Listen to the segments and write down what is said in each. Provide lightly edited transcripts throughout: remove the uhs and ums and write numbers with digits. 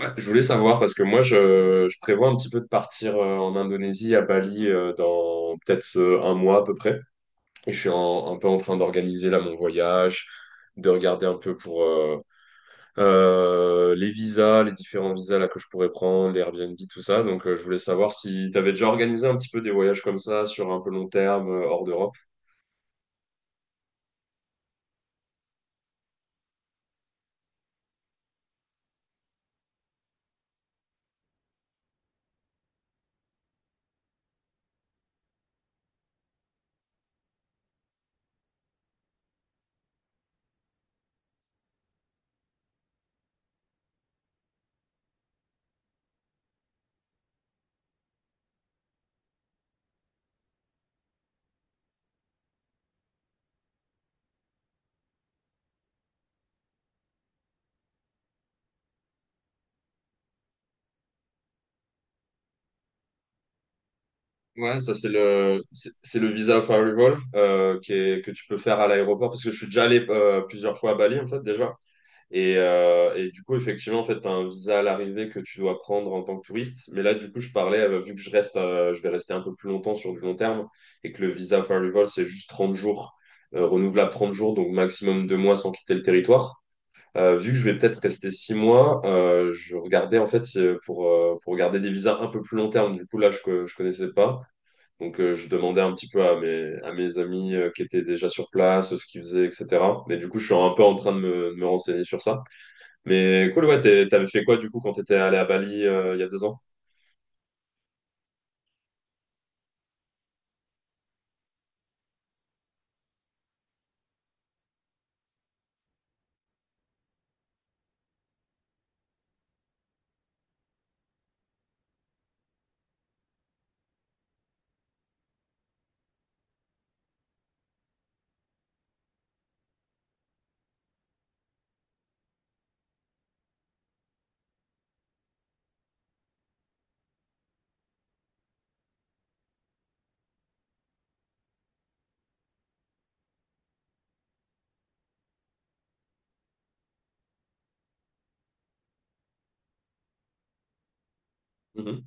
Ouais, je voulais savoir parce que moi je prévois un petit peu de partir en Indonésie à Bali, dans peut-être un mois à peu près. Et je suis un peu en train d'organiser là mon voyage, de regarder un peu pour les visas, les différents visas là que je pourrais prendre, les Airbnb, tout ça. Donc je voulais savoir si tu avais déjà organisé un petit peu des voyages comme ça sur un peu long terme, hors d'Europe. Ouais, ça c'est le c'est le visa of arrival que tu peux faire à l'aéroport parce que je suis déjà allé plusieurs fois à Bali en fait déjà. Et du coup, effectivement, en fait, tu as un visa à l'arrivée que tu dois prendre en tant que touriste. Mais là, du coup, je parlais, vu que je reste, je vais rester un peu plus longtemps sur du long terme et que le visa for arrival, c'est juste 30 jours, renouvelable 30 jours, donc maximum 2 mois sans quitter le territoire. Vu que je vais peut-être rester 6 mois, je regardais, en fait, c'est pour regarder des visas un peu plus long terme. Du coup, là, je ne connaissais pas. Donc, je demandais un petit peu à à mes amis qui étaient déjà sur place, ce qu'ils faisaient, etc. Mais du coup, je suis un peu en train de de me renseigner sur ça. Mais cool, ouais, t'avais fait quoi du coup quand t'étais allé à Bali, il y a deux ans? Mhm.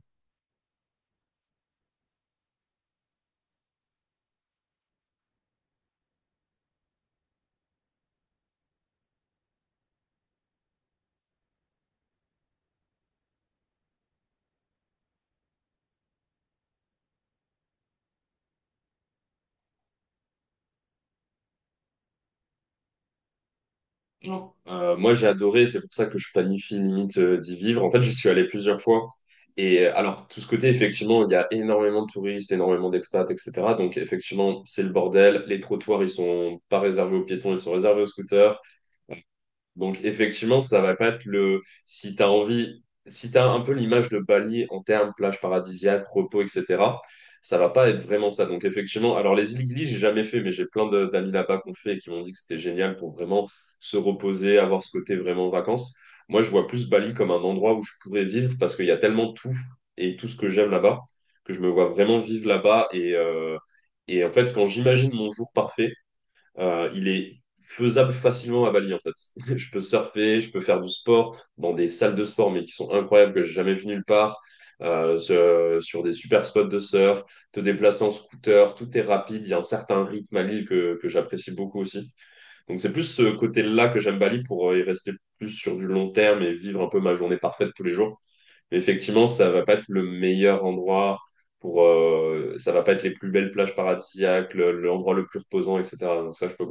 Non. Moi, j'ai adoré, c'est pour ça que je planifie limite d'y vivre. En fait, je suis allé plusieurs fois. Et alors, tout ce côté, effectivement, il y a énormément de touristes, énormément d'expats, etc. Donc, effectivement, c'est le bordel. Les trottoirs, ils sont pas réservés aux piétons, ils sont réservés aux scooters. Donc effectivement, ça va pas être le si tu as envie, si tu as un peu l'image de Bali en termes plage paradisiaque, repos, etc. Ça va pas être vraiment ça. Donc effectivement, alors les îles Gili, j'ai jamais fait, mais j'ai d'amis là-bas qu'on fait et qui m'ont dit que c'était génial pour vraiment se reposer, avoir ce côté vraiment vacances. Moi, je vois plus Bali comme un endroit où je pourrais vivre parce qu'il y a tellement tout et tout ce que j'aime là-bas que je me vois vraiment vivre là-bas et en fait, quand j'imagine mon jour parfait, il est faisable facilement à Bali, en fait. Je peux surfer, je peux faire du sport dans des salles de sport, mais qui sont incroyables, que j'ai jamais vu nulle part. Sur des super spots de surf, te déplacer en scooter, tout est rapide, il y a un certain rythme à l'île que j'apprécie beaucoup aussi. Donc c'est plus ce côté-là que j'aime Bali pour y rester plus sur du long terme et vivre un peu ma journée parfaite tous les jours. Mais effectivement, ça va pas être le meilleur endroit pour, ça va pas être les plus belles plages paradisiaques, l'endroit le plus reposant, etc. Donc ça, je peux.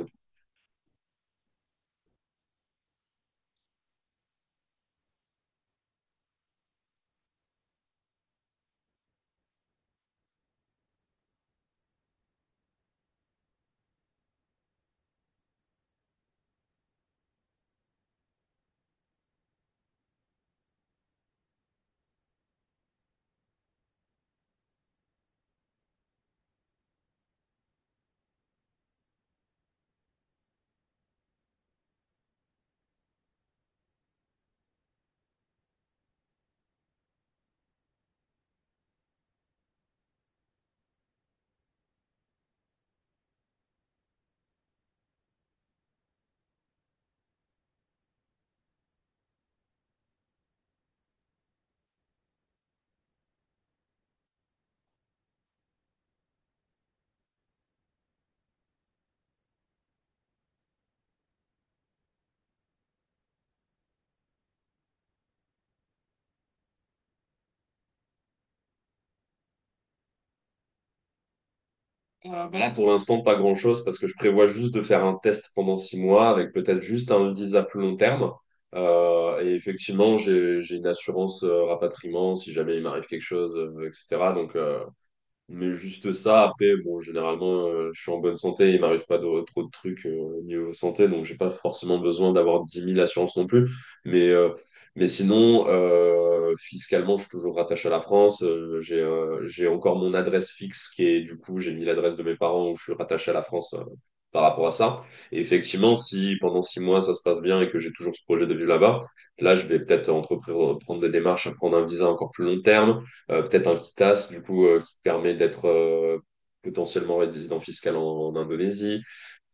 Bah là, pour l'instant, pas grand-chose parce que je prévois juste de faire un test pendant six mois avec peut-être juste un visa plus long terme. Et effectivement, j'ai une assurance rapatriement si jamais il m'arrive quelque chose, etc. Donc, mais juste ça, après, bon, généralement, je suis en bonne santé, il m'arrive pas de- trop de trucs niveau santé, donc j'ai pas forcément besoin d'avoir dix mille assurances non plus. Mais, euh, mais sinon, fiscalement, je suis toujours rattaché à la France. J'ai encore mon adresse fixe qui est, du coup, j'ai mis l'adresse de mes parents où je suis rattaché à la France par rapport à ça. Et effectivement, si pendant six mois ça se passe bien et que j'ai toujours ce projet de vivre là-bas, là, je vais peut-être entreprendre prendre des démarches à prendre un visa encore plus long terme, peut-être un Kitas, du coup, qui te permet d'être potentiellement résident fiscal en Indonésie.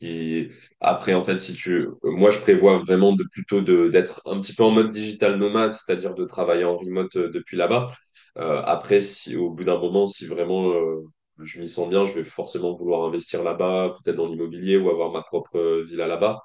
Et après, en fait, si tu, moi, je prévois vraiment de plutôt de d'être un petit peu en mode digital nomade, c'est-à-dire de travailler en remote depuis là-bas. Après, si au bout d'un moment, si vraiment je m'y sens bien, je vais forcément vouloir investir là-bas, peut-être dans l'immobilier ou avoir ma propre villa là-bas.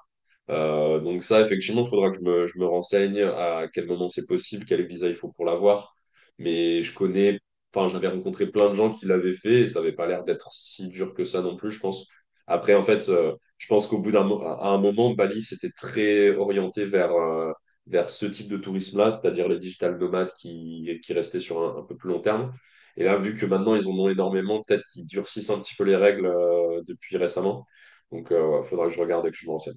Donc ça, effectivement, il faudra que je je me renseigne à quel moment c'est possible, quel visa il faut pour l'avoir. Mais je connais, enfin, j'avais rencontré plein de gens qui l'avaient fait et ça n'avait pas l'air d'être si dur que ça non plus, je pense. Après, en fait, je pense qu'au bout d'un à un moment, Bali s'était très orienté vers, vers ce type de tourisme-là, c'est-à-dire les digital nomades qui restaient sur un peu plus long terme. Et là, vu que maintenant, ils en ont énormément, peut-être qu'ils durcissent un petit peu les règles depuis récemment. Donc, il faudra que je regarde et que je me renseigne.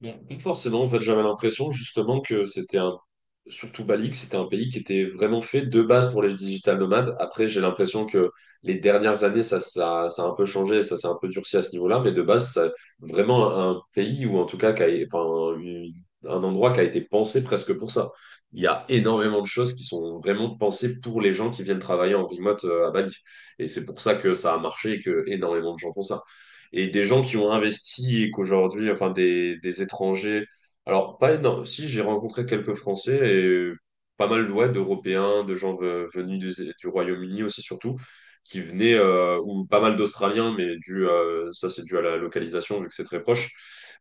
Bon, pas forcément, en fait, j'avais l'impression justement que c'était surtout Bali, que c'était un pays qui était vraiment fait de base pour les digital nomades. Après, j'ai l'impression que les dernières années, ça a un peu changé, ça s'est un peu durci à ce niveau-là, vraiment un pays ou en tout cas enfin, un endroit qui a été pensé presque pour ça. Il y a énormément de choses qui sont vraiment pensées pour les gens qui viennent travailler en remote à Bali. Et c'est pour ça que ça a marché et que énormément de gens font ça et des gens qui ont investi et qu'aujourd'hui, enfin des étrangers. Alors, pas énorme. Si, j'ai rencontré quelques Français et pas mal ouais, d'Européens, de gens venus du Royaume-Uni aussi surtout, qui venaient, ou pas mal d'Australiens, mais dû, ça c'est dû à la localisation vu que c'est très proche,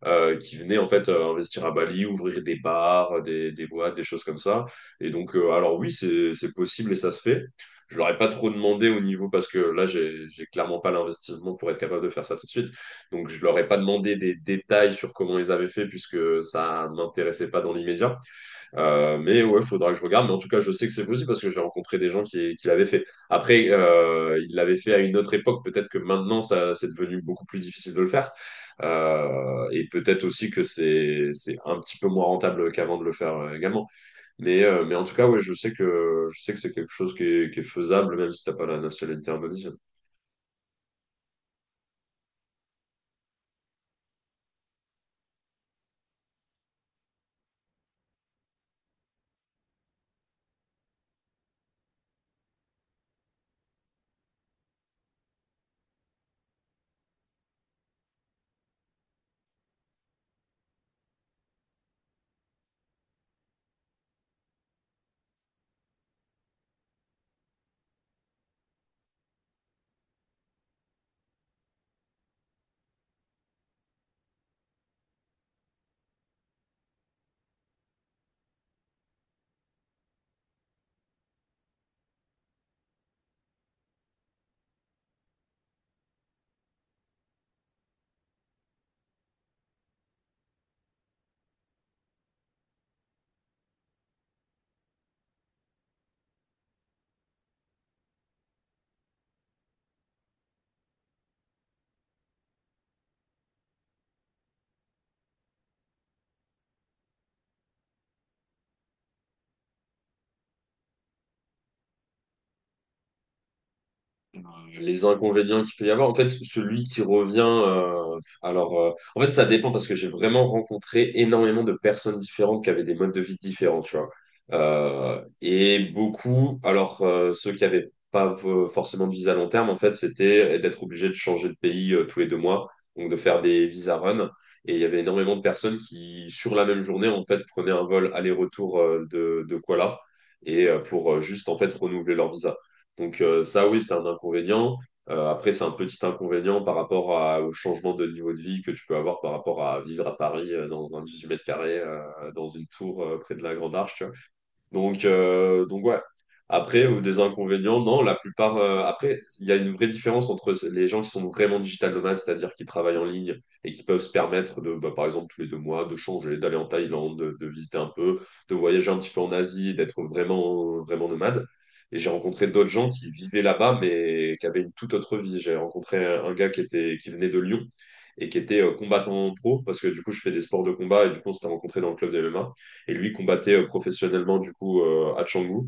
qui venaient en fait investir à Bali, ouvrir des bars, des boîtes, des choses comme ça. Et donc, alors oui, c'est possible et ça se fait. Je leur ai pas trop demandé au niveau parce que là j'ai clairement pas l'investissement pour être capable de faire ça tout de suite, donc je leur ai pas demandé des détails sur comment ils avaient fait puisque ça m'intéressait pas dans l'immédiat, mais ouais faudra que je regarde, mais en tout cas je sais que c'est possible parce que j'ai rencontré des gens qui l'avaient fait. Après ils l'avaient fait à une autre époque, peut-être que maintenant ça c'est devenu beaucoup plus difficile de le faire, et peut-être aussi que c'est un petit peu moins rentable qu'avant de le faire également, mais en tout cas, ouais, je sais que c'est quelque chose qui est faisable, même si t'as pas la nationalité indonésienne. euh, les inconvénients qu'il peut y avoir. En fait, celui qui revient, en fait, ça dépend parce que j'ai vraiment rencontré énormément de personnes différentes qui avaient des modes de vie différents, tu vois. Et beaucoup, ceux qui avaient pas forcément de visa à long terme, en fait, c'était d'être obligé de changer de pays tous les deux mois, donc de faire des visa run. Et il y avait énormément de personnes qui, sur la même journée, en fait, prenaient un vol aller-retour de Kuala et pour juste en fait renouveler leur visa. Donc ça, oui, c'est un inconvénient. Après, c'est un petit inconvénient par rapport au changement de niveau de vie que tu peux avoir par rapport à vivre à Paris dans un 18 mètres carrés, dans une tour près de la Grande Arche. Tu Donc, donc ouais. Après, des inconvénients, non, la plupart. Après, il y a une vraie différence entre les gens qui sont vraiment digital nomades, c'est-à-dire qui travaillent en ligne et qui peuvent se permettre de, bah, par exemple, tous les deux mois, de changer, d'aller en Thaïlande, de visiter un peu, de voyager un petit peu en Asie, d'être vraiment, vraiment nomade. Et j'ai rencontré d'autres gens qui vivaient là-bas, mais qui avaient une toute autre vie. J'ai rencontré un gars qui était, qui venait de Lyon et qui était combattant pro, parce que du coup, je fais des sports de combat et du coup, on s'était rencontré dans le club de MMA. Et lui combattait professionnellement, du coup, à Canggu.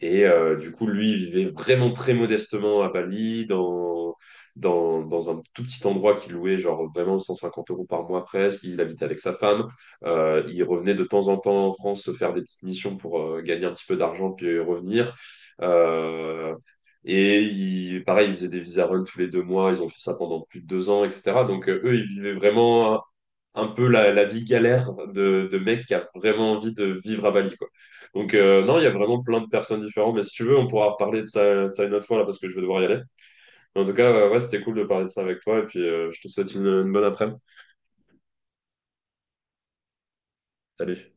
Et du coup, lui, il vivait vraiment très modestement à Bali, dans un tout petit endroit qu'il louait, genre vraiment 150 euros par mois presque. Il habitait avec sa femme. Il revenait de temps en temps en France se faire des petites missions pour gagner un petit peu d'argent puis revenir. Euh, et il, pareil, ils faisaient des visa runs tous les deux mois. Ils ont fait ça pendant plus de deux ans, etc. Donc eux, ils vivaient vraiment un peu la vie galère de mec qui a vraiment envie de vivre à Bali, quoi. Donc, non, il y a vraiment plein de personnes différentes. Mais si tu veux, on pourra reparler de ça une autre fois, là, parce que je vais devoir y aller. Mais en tout cas, ouais, c'était cool de parler de ça avec toi. Et puis, je te souhaite une bonne après-midi. Salut.